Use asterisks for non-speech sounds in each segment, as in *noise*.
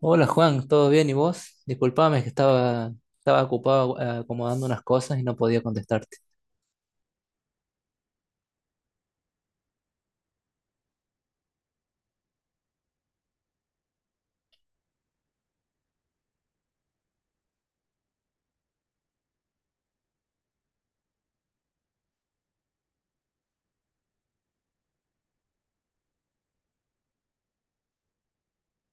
Hola Juan, ¿todo bien? ¿Y vos? Disculpame, que estaba ocupado, acomodando unas cosas y no podía contestarte.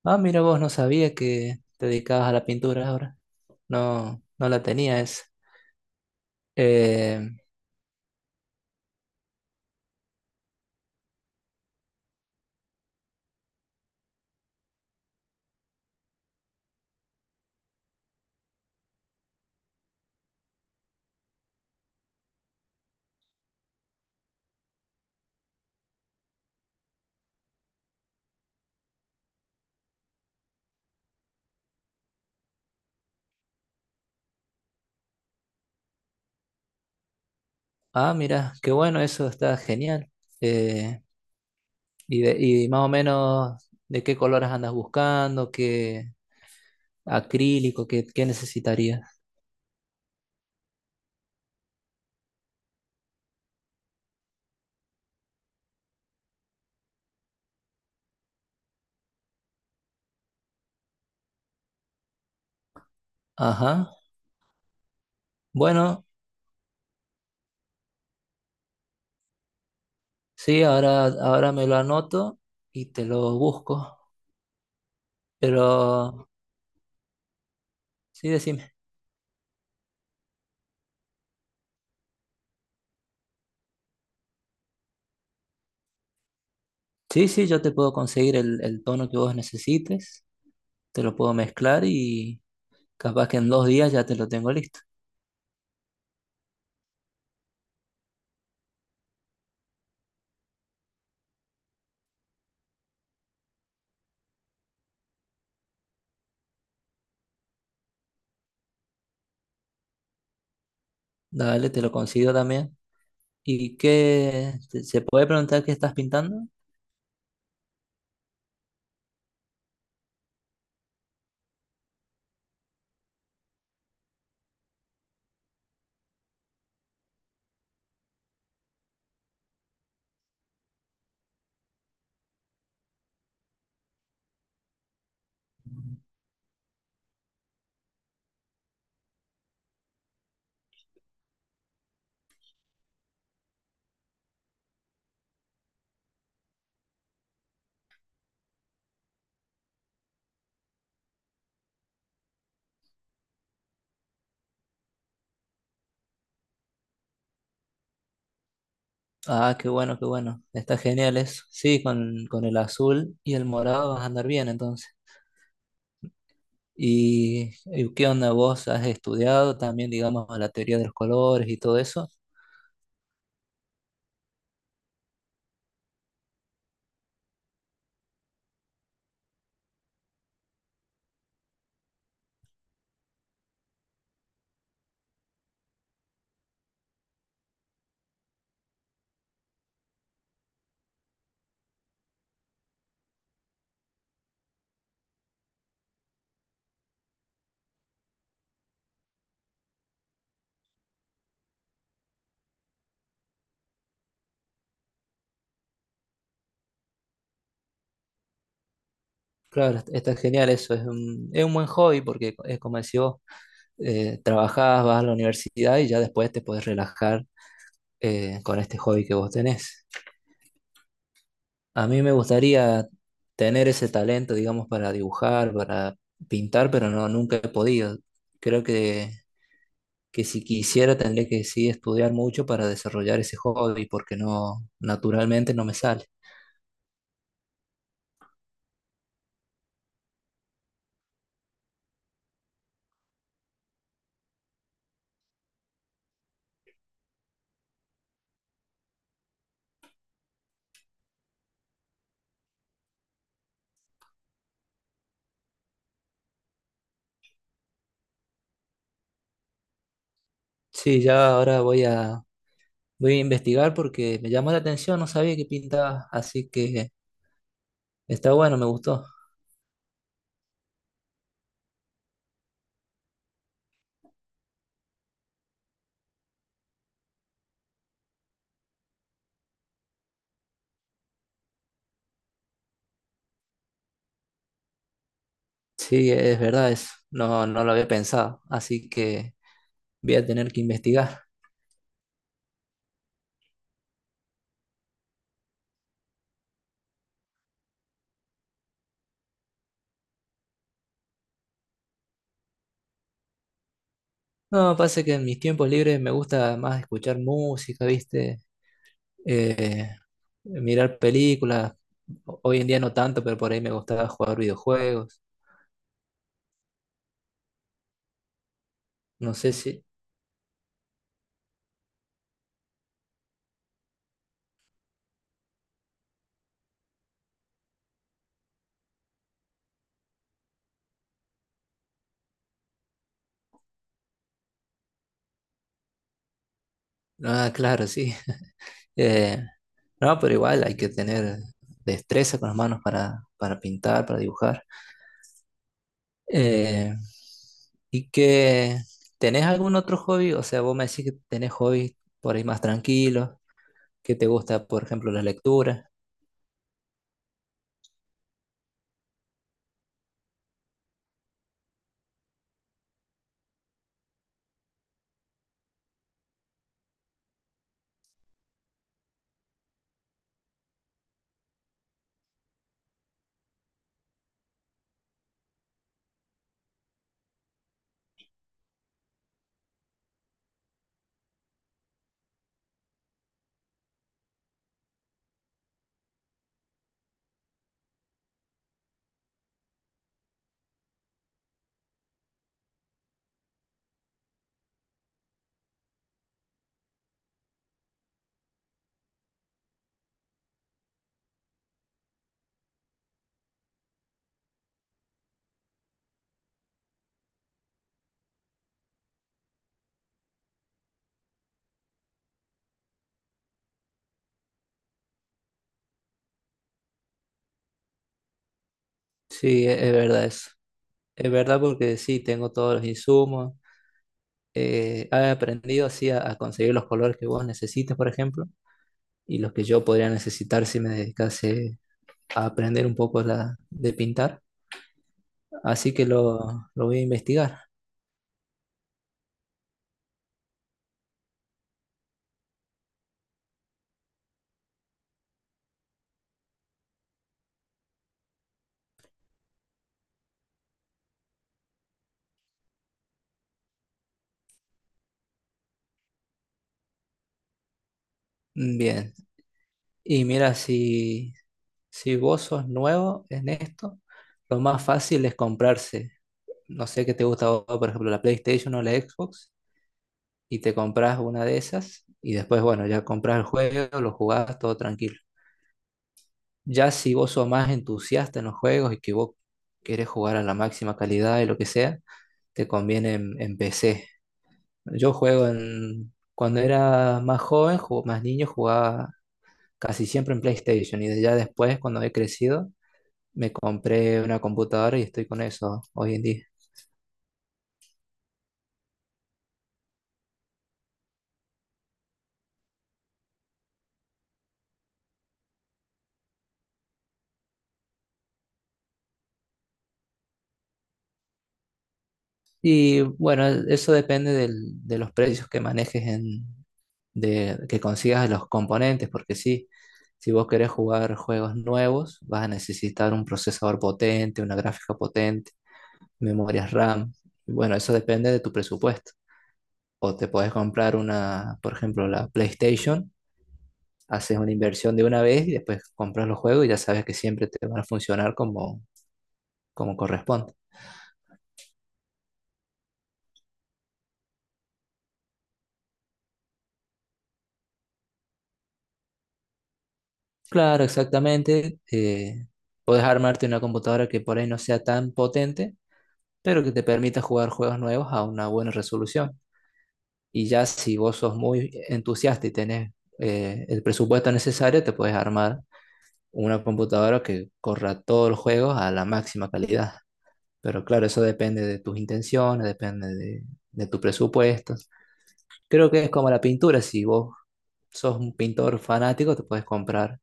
Ah, mira vos, no sabía que te dedicabas a la pintura ahora. No, no la tenía esa. Eh, ah, mira, qué bueno, eso está genial. Eh, y, de- y más o menos, ¿de qué colores andas buscando? ¿Qué acrílico? ¿Qué necesitarías? Ajá. Bueno, sí, ahora me lo anoto y te lo busco. Pero, sí, decime. Sí, sí, yo te puedo conseguir el tono que vos necesites, te lo puedo mezclar y capaz que en 2 días ya te lo tengo listo. Dale, te lo consigo también. ¿Y qué? ¿Se puede preguntar qué estás pintando? Ah, qué bueno, qué bueno. Está genial eso. Sí, con el azul y el morado vas a andar bien entonces. ¿Y qué onda vos has estudiado también, digamos, la teoría de los colores y todo eso? Claro, está genial eso. Es un buen hobby porque es como decís vos, trabajás, vas a la universidad y ya después te puedes relajar con este hobby que vos tenés. A mí me gustaría tener ese talento, digamos, para dibujar, para pintar, pero no, nunca he podido. Creo que si quisiera tendría que sí estudiar mucho para desarrollar ese hobby, porque no, naturalmente no me sale. Sí, ya ahora voy a investigar porque me llamó la atención, no sabía que pintaba, así que está bueno, me gustó. Sí, es verdad eso. No, no lo había pensado, así que voy a tener que investigar. No, pasa que en mis tiempos libres me gusta más escuchar música, ¿viste? Eh, Mirar películas. Hoy en día no tanto, pero por ahí me gustaba jugar videojuegos. No sé si... Ah, claro, sí. *laughs* Eh, no, pero igual hay que tener destreza con las manos para pintar, para dibujar. Eh, ¿Y que tenés algún otro hobby? O sea, vos me decís que tenés hobbies por ahí más tranquilos, que te gusta, por ejemplo, la lectura. Sí, verdad eso. Es verdad porque sí, tengo todos los insumos. He aprendido así a conseguir los colores que vos necesitas, por ejemplo, y los que yo podría necesitar si me dedicase a aprender un poco la, de pintar. Así que lo voy a investigar. Bien. Y mira, si... Si vos sos nuevo en esto, lo más fácil es comprarse, no sé qué te gusta, a vos, por ejemplo, la PlayStation o la Xbox, y te compras una de esas, y después, bueno, ya compras el juego, lo jugás, todo tranquilo. Ya si vos sos más entusiasta en los juegos y que vos querés jugar a la máxima calidad y lo que sea, te conviene en PC. Yo juego en... Cuando era más joven, más niño, jugaba casi siempre en PlayStation, y ya después, cuando he crecido, me compré una computadora y estoy con eso hoy en día. Y bueno, eso depende de los precios que manejes en, de, que consigas de los componentes, porque sí, si vos querés jugar juegos nuevos, vas a necesitar un procesador potente, una gráfica potente, memorias RAM. Y bueno, eso depende de tu presupuesto. O te podés comprar una, por ejemplo, la PlayStation, haces una inversión de una vez y después compras los juegos y ya sabes que siempre te van a funcionar como, como corresponde. Claro, exactamente. Puedes armarte una computadora que por ahí no sea tan potente, pero que te permita jugar juegos nuevos a una buena resolución. Y ya si vos sos muy entusiasta y tenés, el presupuesto necesario, te puedes armar una computadora que corra todos los juegos a la máxima calidad. Pero claro, eso depende de tus intenciones, depende de tus presupuestos. Creo que es como la pintura, si vos sos un pintor fanático, te puedes comprar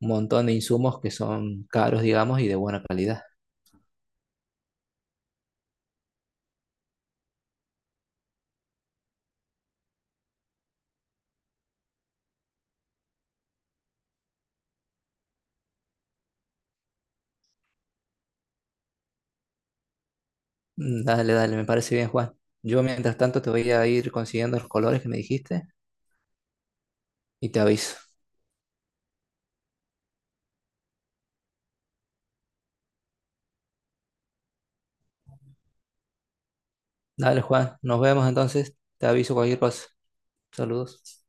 un montón de insumos que son caros, digamos, y de buena calidad. Dale, dale, me parece bien, Juan. Yo mientras tanto te voy a ir consiguiendo los colores que me dijiste y te aviso. Dale, Juan, nos vemos entonces. Te aviso cualquier cosa. Saludos.